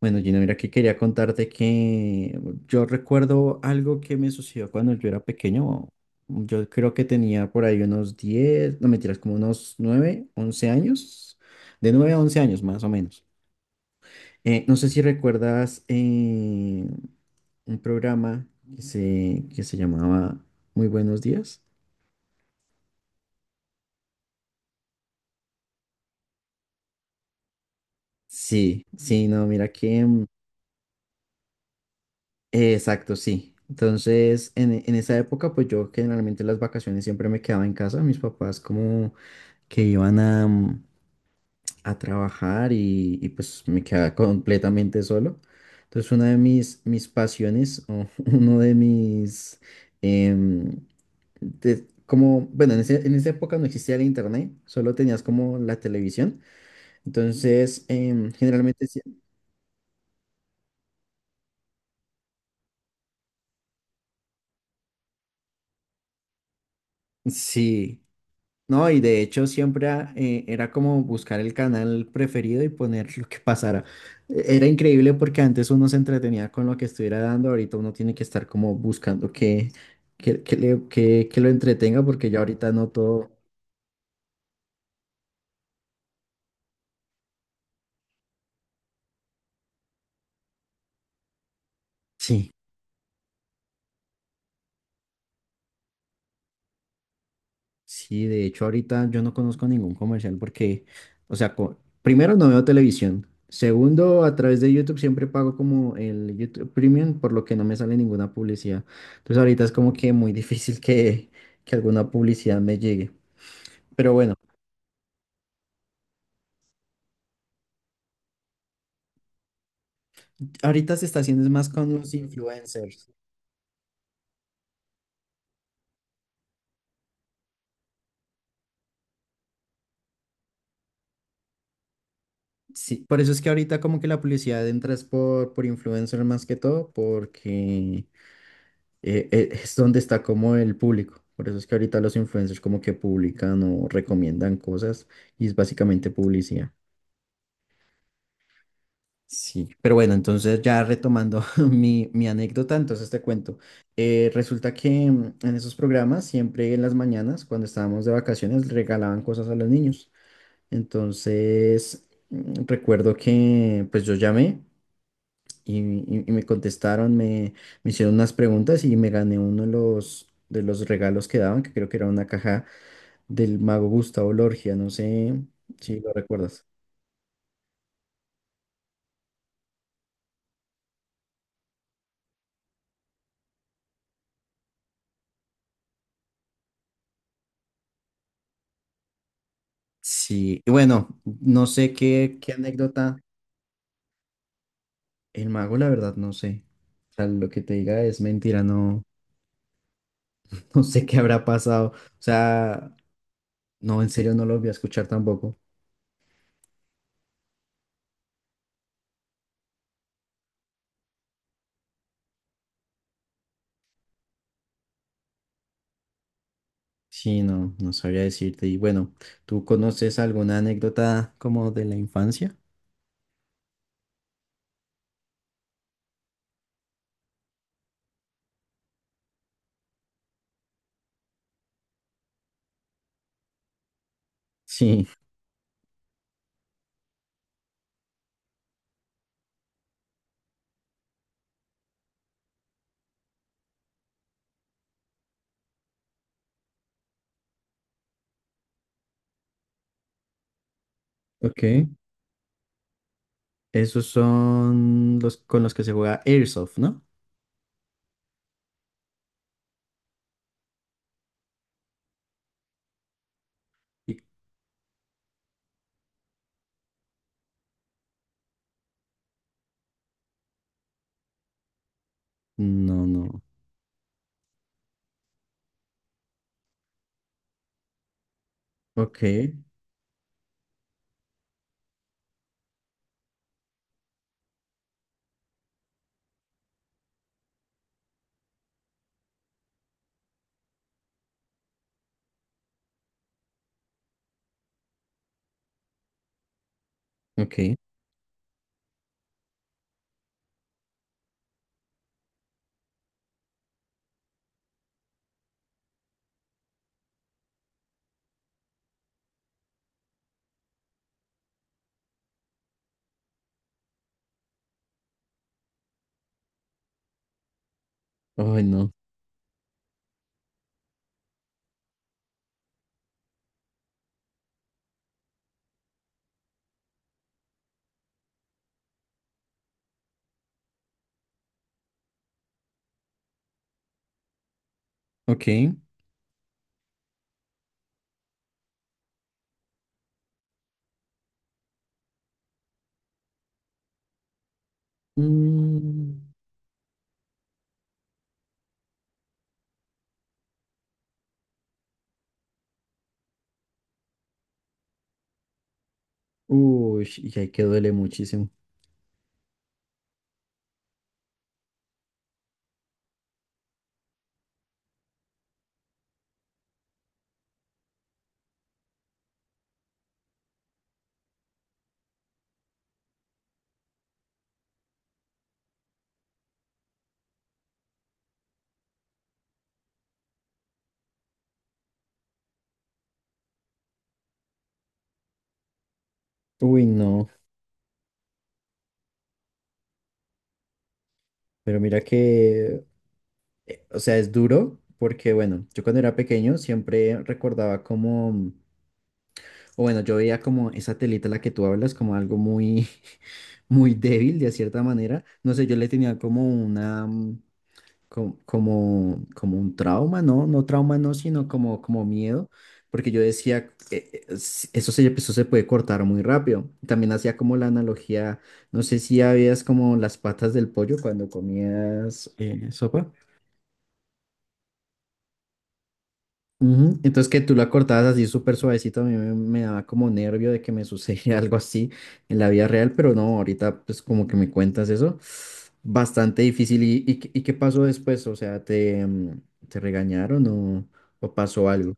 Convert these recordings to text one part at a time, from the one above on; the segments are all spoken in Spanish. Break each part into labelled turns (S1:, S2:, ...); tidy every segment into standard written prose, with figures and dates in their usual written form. S1: Bueno, Gino, mira que quería contarte que yo recuerdo algo que me sucedió cuando yo era pequeño. Yo creo que tenía por ahí unos 10 no mentiras, como unos 9 11 años, de 9 a 11 años más o menos. No sé si recuerdas un programa que se llamaba Muy Buenos Días. Sí, sí, no, mira que... Exacto, sí. Entonces, en esa época, pues yo generalmente las vacaciones siempre me quedaba en casa. Mis papás como que iban a, a trabajar y, pues me quedaba completamente solo. Entonces una de mis pasiones o uno de mis... em, como, bueno, en esa época no existía el internet, solo tenías como la televisión. Entonces, generalmente... Sí, sí, no, y de hecho siempre era como buscar el canal preferido y poner lo que pasara. Era increíble porque antes uno se entretenía con lo que estuviera dando, ahorita uno tiene que estar como buscando que que lo entretenga porque ya ahorita no todo, sí. Sí, de hecho ahorita yo no conozco ningún comercial porque, o sea, primero no veo televisión, segundo a través de YouTube siempre pago como el YouTube Premium por lo que no me sale ninguna publicidad. Entonces ahorita es como que muy difícil que alguna publicidad me llegue. Pero bueno, ahorita se está haciendo es más con los influencers. Sí, por eso es que ahorita como que la publicidad entra es por influencer más que todo porque es donde está como el público. Por eso es que ahorita los influencers como que publican o recomiendan cosas y es básicamente publicidad. Sí, pero bueno, entonces ya retomando mi anécdota, entonces te cuento. Resulta que en esos programas, siempre en las mañanas, cuando estábamos de vacaciones, regalaban cosas a los niños. Entonces, recuerdo que pues yo llamé y, y me contestaron, me hicieron unas preguntas y me gané uno de los regalos que daban, que creo que era una caja del mago Gustavo Lorgia, no sé si lo recuerdas. Sí, y bueno, no sé qué, qué anécdota. El mago, la verdad, no sé. O sea, lo que te diga es mentira, no, no sé qué habrá pasado. O sea, no, en serio no lo voy a escuchar tampoco. Sí, no, no sabría decirte. Y bueno, ¿tú conoces alguna anécdota como de la infancia? Sí. Ok, esos son los con los que se juega Airsoft, ¿no? Y- No, no. Ok, ok. Ay, no. Ok. Mm, uy, y ahí que duele muchísimo. Uy, no. Pero mira que, o sea, es duro porque, bueno, yo cuando era pequeño siempre recordaba como, o bueno, yo veía como esa telita a la que tú hablas como algo muy, muy débil de cierta manera. No sé, yo le tenía como una como un trauma, ¿no? No trauma, no, sino como, como miedo, porque yo decía, eso se puede cortar muy rápido. También hacía como la analogía, no sé si habías como las patas del pollo cuando comías sopa. Ujú. Entonces que tú la cortabas así súper suavecito, a mí me, me daba como nervio de que me sucediera algo así en la vida real, pero no, ahorita pues como que me cuentas eso, bastante difícil. ¿Y, qué y qué pasó después? O sea, ¿te, te regañaron o pasó algo?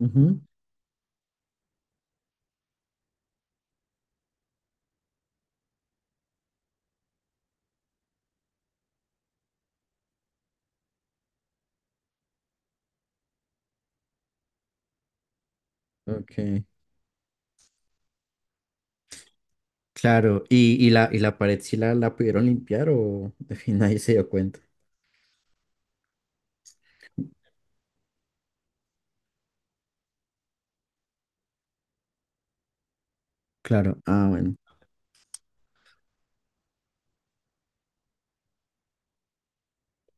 S1: Ujú. Ok, claro. ¿Y, y la pared sí la pudieron limpiar o de fin nadie se dio cuenta? Claro, ah, bueno,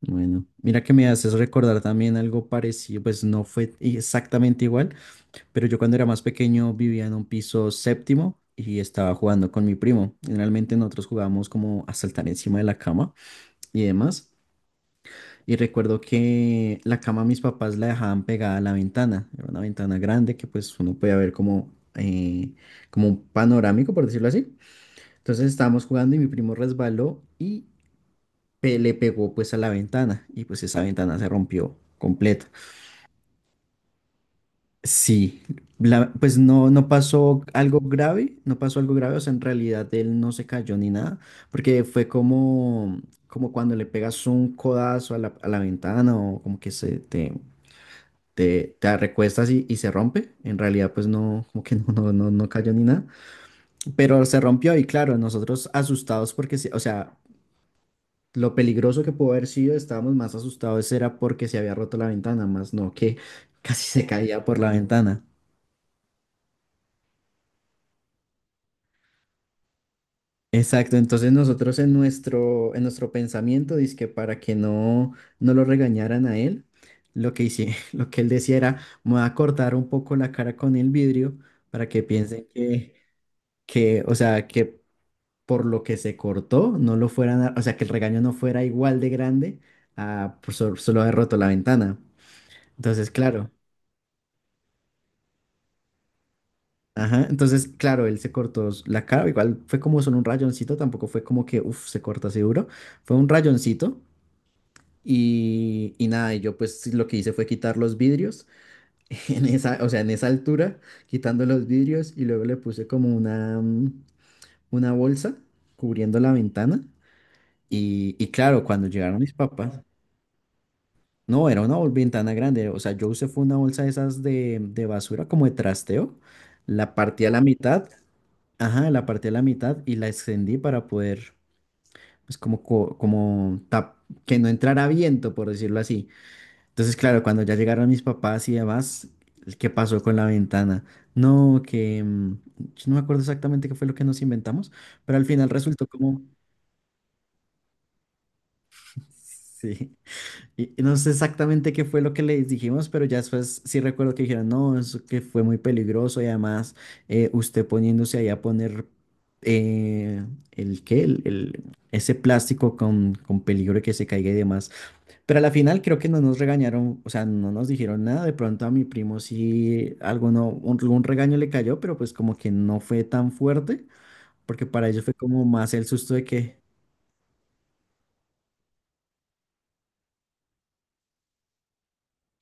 S1: bueno. Mira que me haces recordar también algo parecido, pues no fue exactamente igual. Pero yo cuando era más pequeño vivía en un piso séptimo y estaba jugando con mi primo. Generalmente nosotros jugábamos como a saltar encima de la cama y demás. Y recuerdo que la cama mis papás la dejaban pegada a la ventana. Era una ventana grande que pues uno podía ver como, como un panorámico, por decirlo así. Entonces estábamos jugando y mi primo resbaló y le pegó pues a la ventana. Y pues esa ventana se rompió completa. Sí, pues no, no pasó algo grave, no pasó algo grave, o sea, en realidad él no se cayó ni nada, porque fue como, como cuando le pegas un codazo a la ventana o como que se te recuestas y se rompe, en realidad pues no, como que no, no, no, no cayó ni nada, pero se rompió y claro, nosotros asustados porque, sí, o sea, lo peligroso que pudo haber sido, estábamos más asustados era porque se había roto la ventana, más no que casi se caía por la ventana. Exacto, entonces nosotros en en nuestro pensamiento, dizque para que no, no lo regañaran a él, lo que hice, lo que él decía era, me voy a cortar un poco la cara con el vidrio para que piensen que, o sea, que por lo que se cortó, no lo fueran o sea, que el regaño no fuera igual de grande a por solo haber roto la ventana. Entonces, claro, ajá, entonces, claro, él se cortó la cara, igual fue como solo un rayoncito, tampoco fue como que, uff, se corta seguro, fue un rayoncito. Y nada, y yo pues sí, lo que hice fue quitar los vidrios, en esa, o sea, en esa altura, quitando los vidrios y luego le puse como una, una bolsa cubriendo la ventana. Y claro, cuando llegaron mis papás, no, era una ventana grande, o sea, yo usé fue una bolsa de esas de basura, como de trasteo, la partí a la mitad, ajá, la partí a la mitad y la extendí para poder, pues como, como que no entrara viento, por decirlo así. Entonces, claro, cuando ya llegaron mis papás y demás, ¿qué pasó con la ventana? No, que yo no me acuerdo exactamente qué fue lo que nos inventamos, pero al final resultó como, sí, y no sé exactamente qué fue lo que les dijimos, pero ya después sí recuerdo que dijeron, no, eso que fue muy peligroso y además usted poniéndose ahí a poner eh, el qué, el- ese plástico con peligro de que se caiga y demás. Pero a la final creo que no nos regañaron, o sea, no nos dijeron nada. De pronto a mi primo sí alguno, algún regaño le cayó, pero pues como que no fue tan fuerte, porque para ellos fue como más el susto de que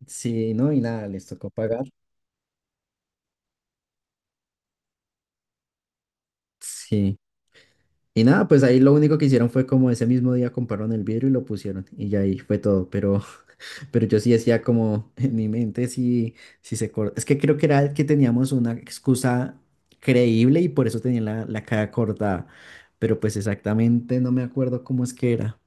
S1: sí, no, y nada, les tocó pagar. Sí. Y nada, pues ahí lo único que hicieron fue como ese mismo día compraron el vidrio y lo pusieron, y ya ahí fue todo. Pero yo sí decía como en mi mente sí, sí se corta. Es que creo que era que teníamos una excusa creíble y por eso tenía la, la cara cortada. Pero pues exactamente no me acuerdo cómo es que era.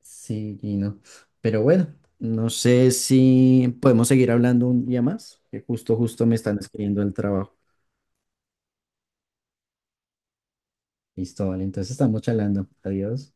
S1: Sí, Gino. Pero bueno, no sé si podemos seguir hablando un día más, que justo, justo me están escribiendo el trabajo. Listo, vale. Entonces estamos charlando. Adiós.